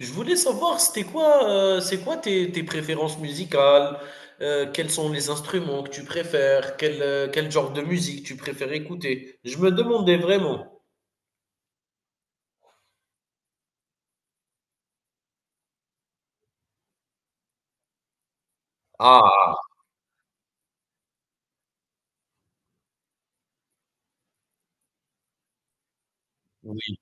Je voulais savoir, c'était quoi, c'est quoi tes préférences musicales? Quels sont les instruments que tu préfères? Quel genre de musique tu préfères écouter? Je me demandais vraiment. Ah oui,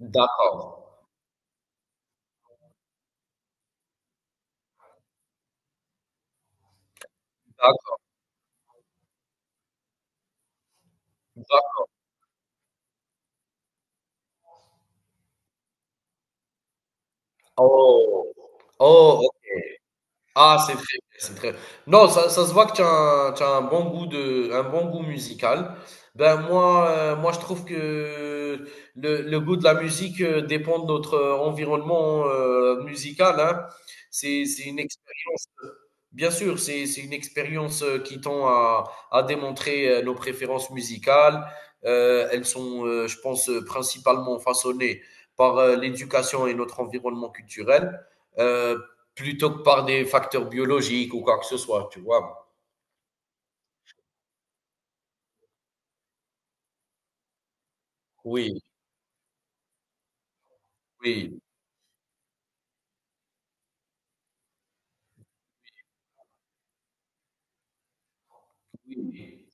d'accord, d'accord. Oh, oh. Ah, c'est très non, ça se voit que tu as un bon goût de un bon goût musical. Ben, moi, je trouve que le goût de la musique, dépend de notre, environnement, musical, hein. C'est une expérience, bien sûr, c'est une expérience, qui tend à démontrer, nos préférences musicales. Elles sont, je pense, principalement façonnées par, l'éducation et notre environnement culturel. Heu Plutôt que par des facteurs biologiques ou quoi que ce soit, tu vois? Oui, oui, oui, oui.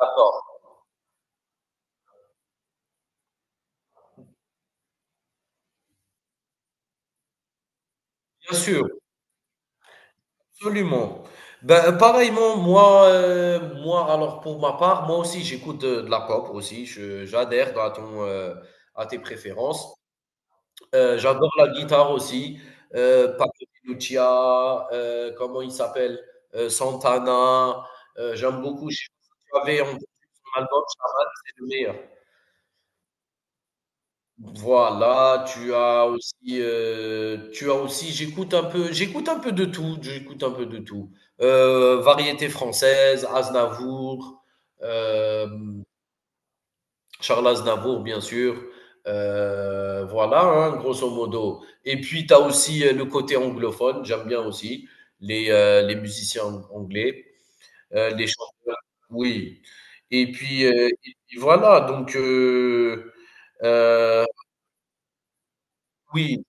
D'accord, bien sûr, absolument. Ben, pareillement, moi, alors, pour ma part, moi aussi, j'écoute, de la pop aussi, je j'adhère à ton, à tes préférences. J'adore la guitare aussi, Paco de Lucia, comment il s'appelle? Santana, j'aime beaucoup, je sais pas si tu avais entendu son album Shaman, c'est le meilleur. Voilà. Tu as aussi J'écoute un peu de tout. Variété française, Aznavour, hem, Charles Aznavour, bien sûr, voilà, hein, grosso modo, et puis tu as aussi, le côté anglophone, j'aime bien aussi les musiciens anglais, les chanteurs, oui. Et puis voilà, donc. Heu, oui,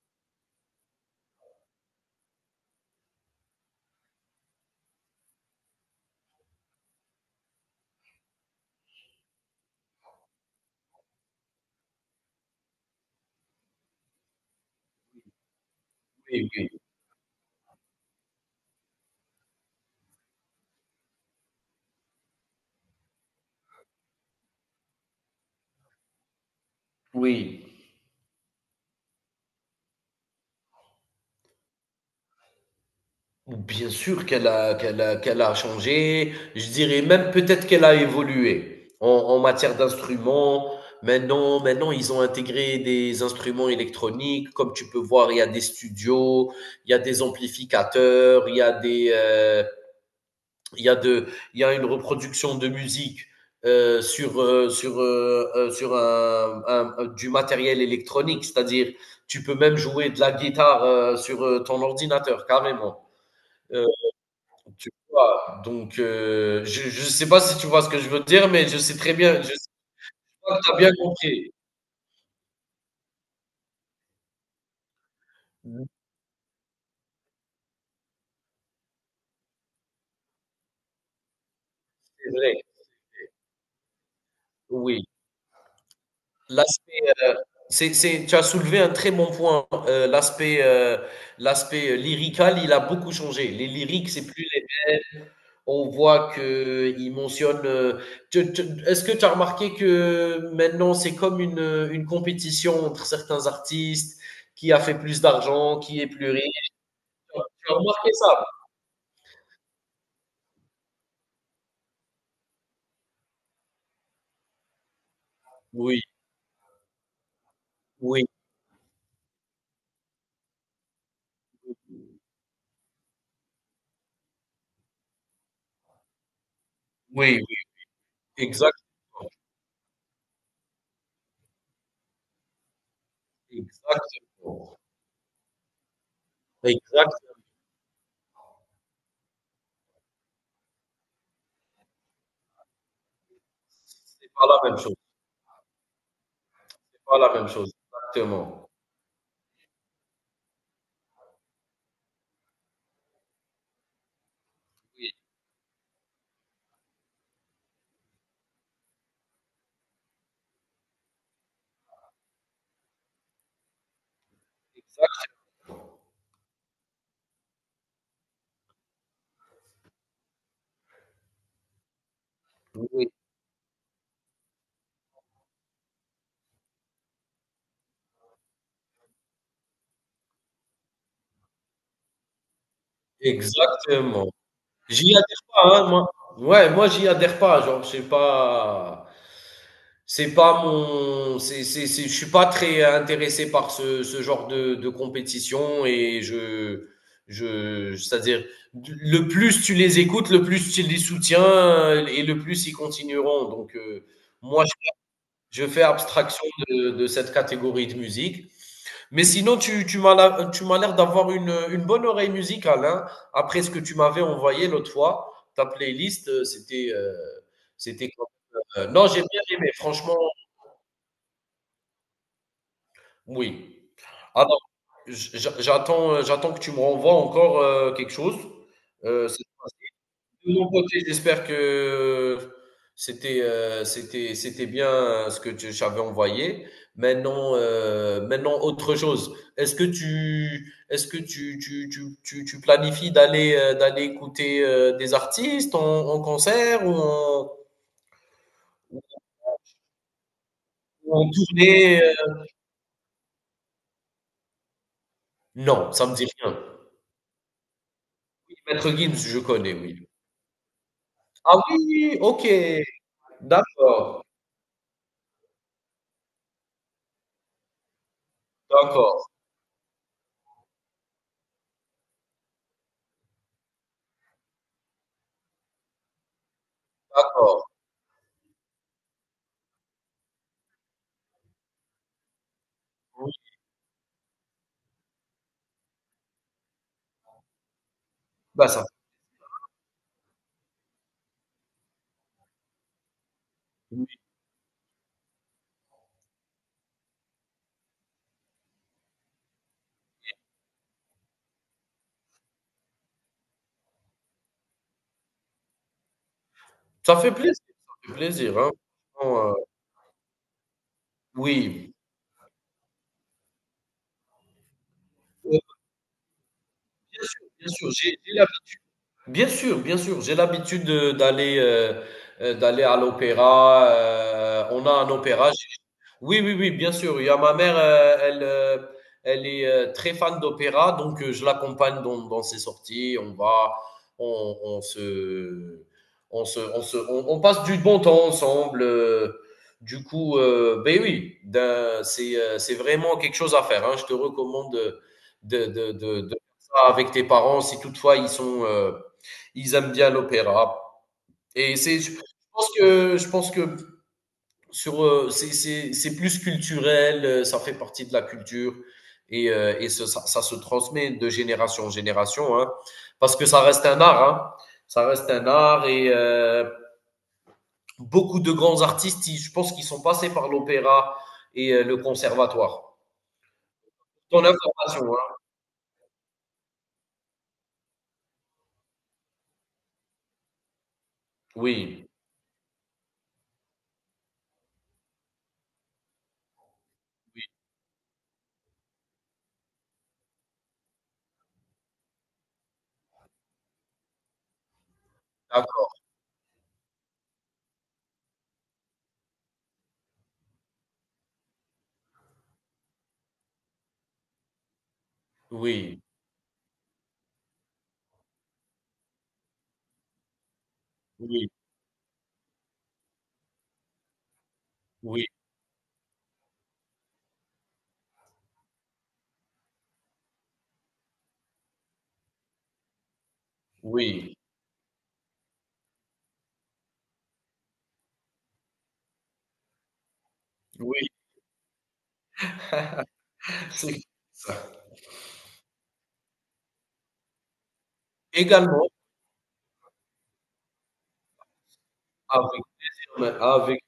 oui, oui. Oui, bien sûr qu'elle a changé. Je dirais même peut-être qu'elle a évolué en matière d'instruments. Maintenant, ils ont intégré des instruments électroniques. Comme tu peux voir, il y a des studios, il y a des amplificateurs, il y a des, il y a de il y a une reproduction de musique, sur du matériel électronique. C'est-à-dire, tu peux même jouer de la guitare, sur, ton ordinateur, carrément. Heu, Tu vois? Donc, je ne sais pas si tu vois ce que je veux dire, mais je sais très bien, je sais pas que tu as bien compris. Mmh, c'est vrai, oui. L'aspect, heu, c'est Tu as soulevé un très bon point, l'aspect, lyrical, il a beaucoup changé. Les lyriques, c'est plus les On voit que qu'ils mentionnent, tu tu est-ce que tu as remarqué que maintenant, c'est comme une compétition entre certains artistes, qui a fait plus d'argent, qui est plus riche? Tu as remarqué ça? Oui. Oui, oui, oui, exact, exactement. Exact, c'est pas la même chose, c'est pas la même chose, exactement. Oui, oui, exactement. J'y adhère pas, hein, moi. Ouais, moi, j'y adhère pas, genre, je sais pas. C'est pas mon. Je suis pas très intéressé par ce genre de compétition Je, c'est-à-dire, le plus tu les écoutes, le plus tu les soutiens et le plus ils continueront. Donc, moi, je fais abstraction de cette catégorie de musique. Mais sinon, tu m'as la- tu m'as l'air d'avoir une bonne oreille musicale, hein. Après ce que tu m'avais envoyé l'autre fois, ta playlist, c'était comme- non, j'ai bien aimé, franchement, oui. Alors, j'attends que tu me renvoies encore, quelque chose. Euh, c'est- De mon côté, j'espère que c'était bien ce que tu j'avais envoyé. Maintenant, autre chose. Est-ce que tu planifies d'aller, écouter, des artistes en concert ou en tournée, Non, ça me dit rien. Maître Gims, je connais, oui. Ah oui, OK. D'accord, d'accord, d'accord. Oui, bah, ça oui, ça fait plaisir, ça fait plaisir, hein. Franchement, oui, heu, bien sûr, j'ai l'habitude. Bien sûr, bien sûr. D'aller, d'aller à l'opéra. On a un opéra. Oui, oui, oui, bien sûr. Il y a ma mère, elle est très fan d'opéra, donc je l'accompagne dans ses sorties. On va, on se, on se, on se, On passe du bon temps ensemble. Du coup, ben oui, c'est vraiment quelque chose à faire, hein. Je te recommande de faire ça avec tes parents, si toutefois ils sont ils aiment bien l'opéra. Je pense que, c'est plus culturel, ça fait partie de la culture, et ça se transmet de génération en génération, hein, parce que ça reste un art, hein. Ça reste un art et, beaucoup de grands artistes, je pense qu'ils sont passés par l'opéra et, le conservatoire. Ton information, hein. Oui, oui, d'accord, oui, oui, oui, oui, oui, c'est ça. Également avec Mais avec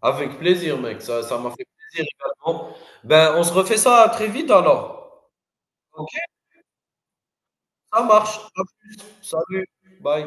Avec plaisir, mec. Ça m'a fait plaisir également. Ben, on se refait ça très vite alors. OK? Ça marche. Salut. Bye.